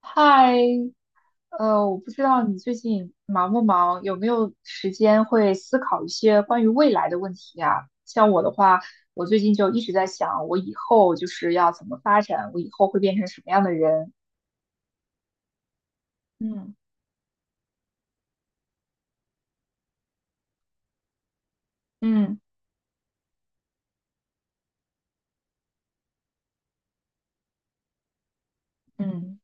嗨，我不知道你最近忙不忙，有没有时间会思考一些关于未来的问题啊？像我的话，我最近就一直在想，我以后就是要怎么发展，我以后会变成什么样的人？嗯嗯嗯，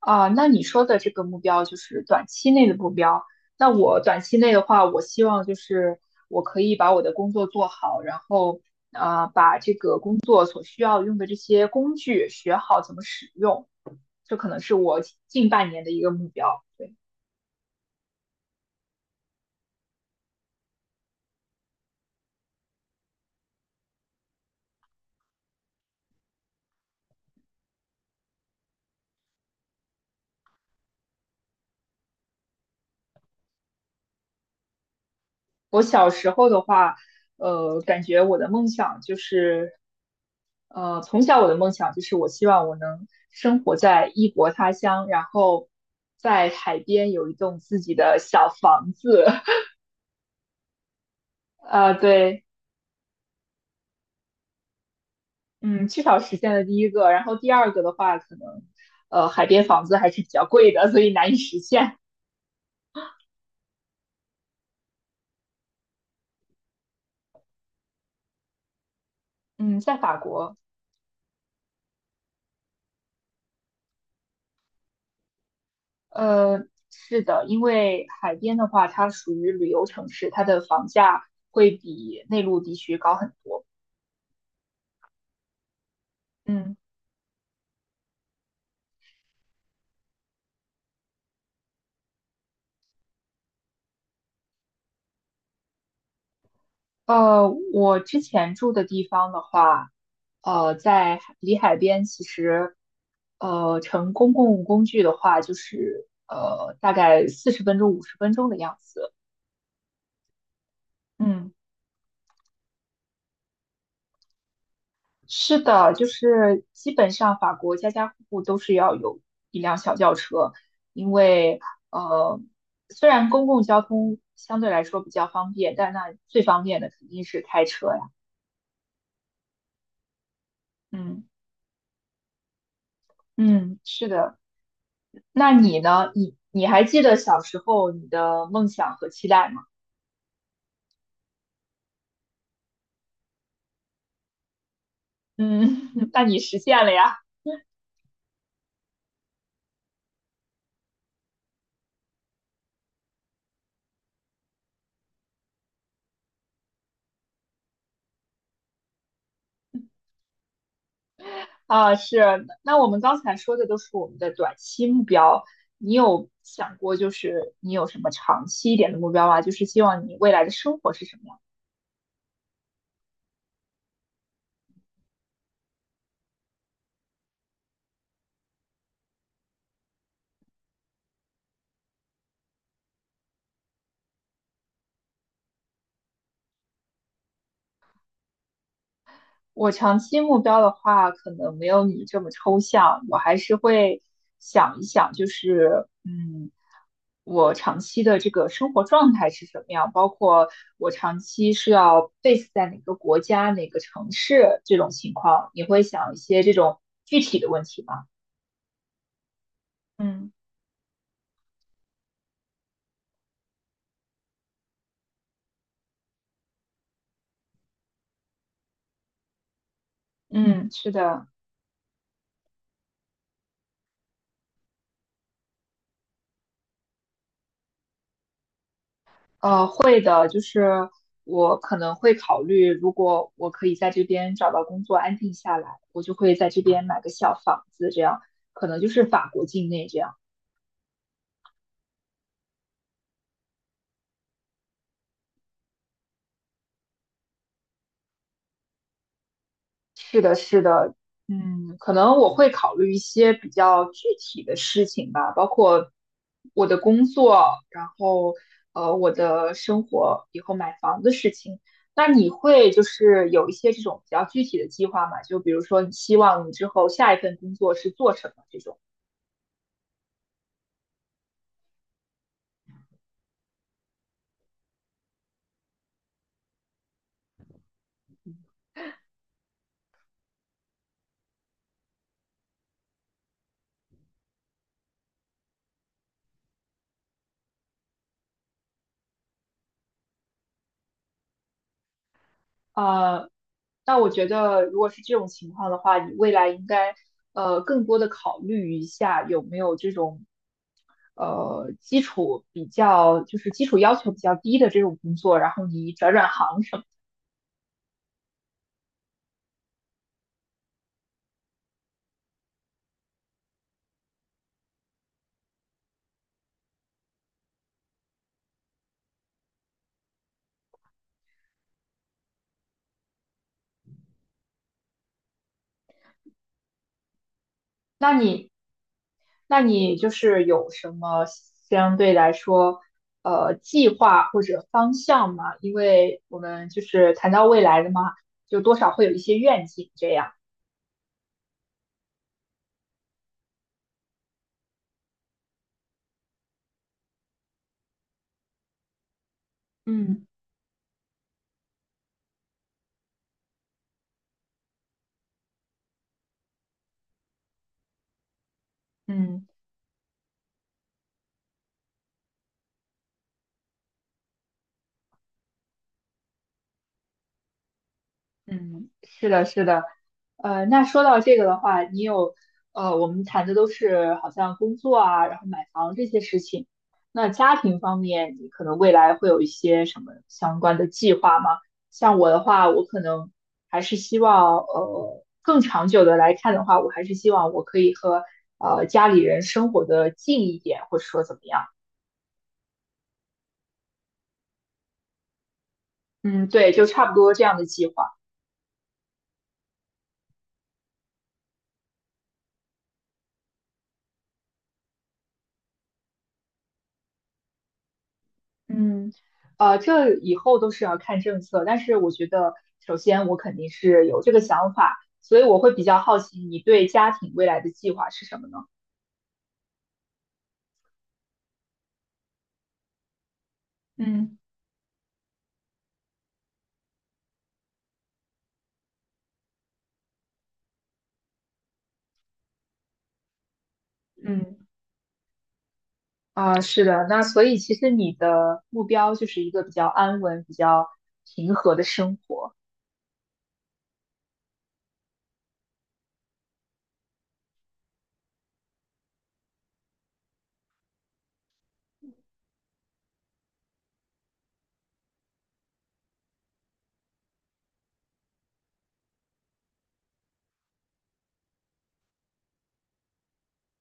啊，那你说的这个目标就是短期内的目标。那我短期内的话，我希望就是我可以把我的工作做好，然后啊，把这个工作所需要用的这些工具学好怎么使用，这可能是我近半年的一个目标。对，我小时候的话，感觉我的梦想就是从小我的梦想就是我希望我能生活在异国他乡，然后在海边有一栋自己的小房子。对，嗯，至少实现了第一个，然后第二个的话，可能海边房子还是比较贵的，所以难以实现。嗯，在法国，呃，是的，因为海边的话，它属于旅游城市，它的房价会比内陆地区高很多。嗯。我之前住的地方的话，在海离海边，其实，乘公共工具的话，就是大概四十分钟、五十分钟的样子。嗯，是的，就是基本上法国家家户户都是要有一辆小轿车，因为呃，虽然公共交通相对来说比较方便，但那最方便的肯定是开车呀。嗯嗯，是的。那你呢？你还记得小时候你的梦想和期待吗？嗯，那你实现了呀？啊，是。那我们刚才说的都是我们的短期目标，你有想过就是你有什么长期一点的目标吗？就是希望你未来的生活是什么样？我长期目标的话，可能没有你这么抽象，我还是会想一想，就是我长期的这个生活状态是什么样，包括我长期是要 base 在哪个国家、哪个城市这种情况，你会想一些这种具体的问题吗？嗯嗯。嗯，是的。会的，就是我可能会考虑，如果我可以在这边找到工作，安定下来，我就会在这边买个小房子，这样可能就是法国境内这样。是的，是的，嗯，可能我会考虑一些比较具体的事情吧，包括我的工作，然后我的生活，以后买房的事情。那你会就是有一些这种比较具体的计划吗？就比如说你希望你之后下一份工作是做什么这种。呃，那我觉得，如果是这种情况的话，你未来应该更多的考虑一下有没有这种基础比较，就是基础要求比较低的这种工作，然后你转行什么。那你就是有什么相对来说计划或者方向吗？因为我们就是谈到未来的嘛，就多少会有一些愿景这样。嗯。嗯。嗯，是的，是的，那说到这个的话，你有，我们谈的都是好像工作啊，然后买房这些事情。那家庭方面，你可能未来会有一些什么相关的计划吗？像我的话，我可能还是希望，更长久的来看的话，我还是希望我可以和家里人生活的近一点，或者说怎么样。嗯，对，就差不多这样的计划。嗯，这以后都是要看政策，但是我觉得，首先我肯定是有这个想法，所以我会比较好奇你对家庭未来的计划是什么呢？嗯嗯，啊，是的，那所以其实你的目标就是一个比较安稳、比较平和的生活。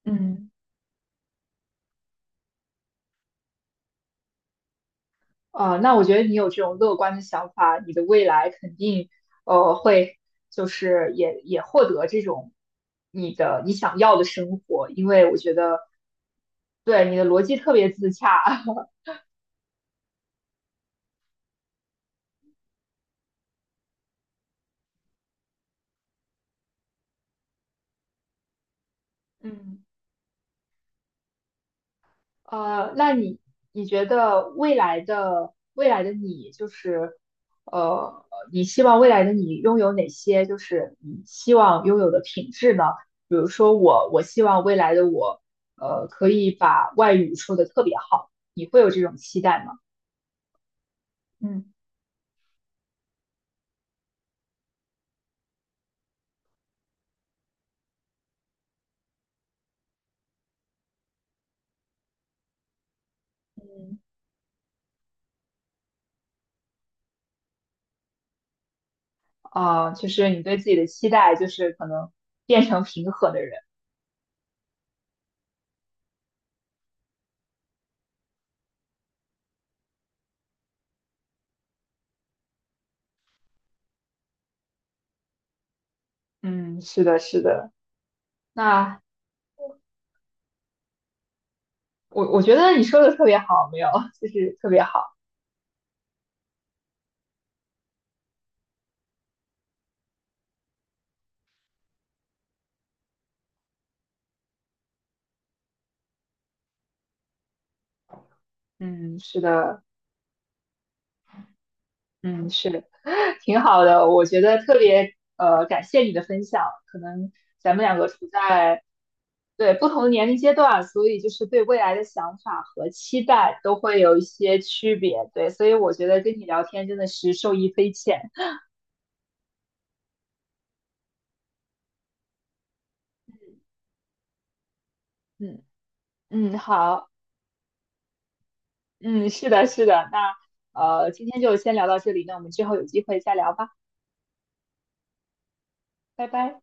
嗯。啊、那我觉得你有这种乐观的想法，你的未来肯定会就是也获得这种你想要的生活，因为我觉得对你的逻辑特别自洽。嗯。那你你觉得未来的你，就是呃，你希望未来的你拥有哪些，就是你希望拥有的品质呢？比如说我，我希望未来的我，可以把外语说得特别好，你会有这种期待吗？嗯嗯，啊，就是你对自己的期待，就是可能变成平和的人。嗯，是的，是的。那我觉得你说的特别好，没有，就是特别好。嗯，是的。嗯，是 挺好的，我觉得特别感谢你的分享。可能咱们两个处在对不同的年龄阶段，所以就是对未来的想法和期待都会有一些区别。对，所以我觉得跟你聊天真的是受益匪浅。嗯嗯，好，嗯，是的，是的。那今天就先聊到这里，那我们之后有机会再聊吧，拜拜。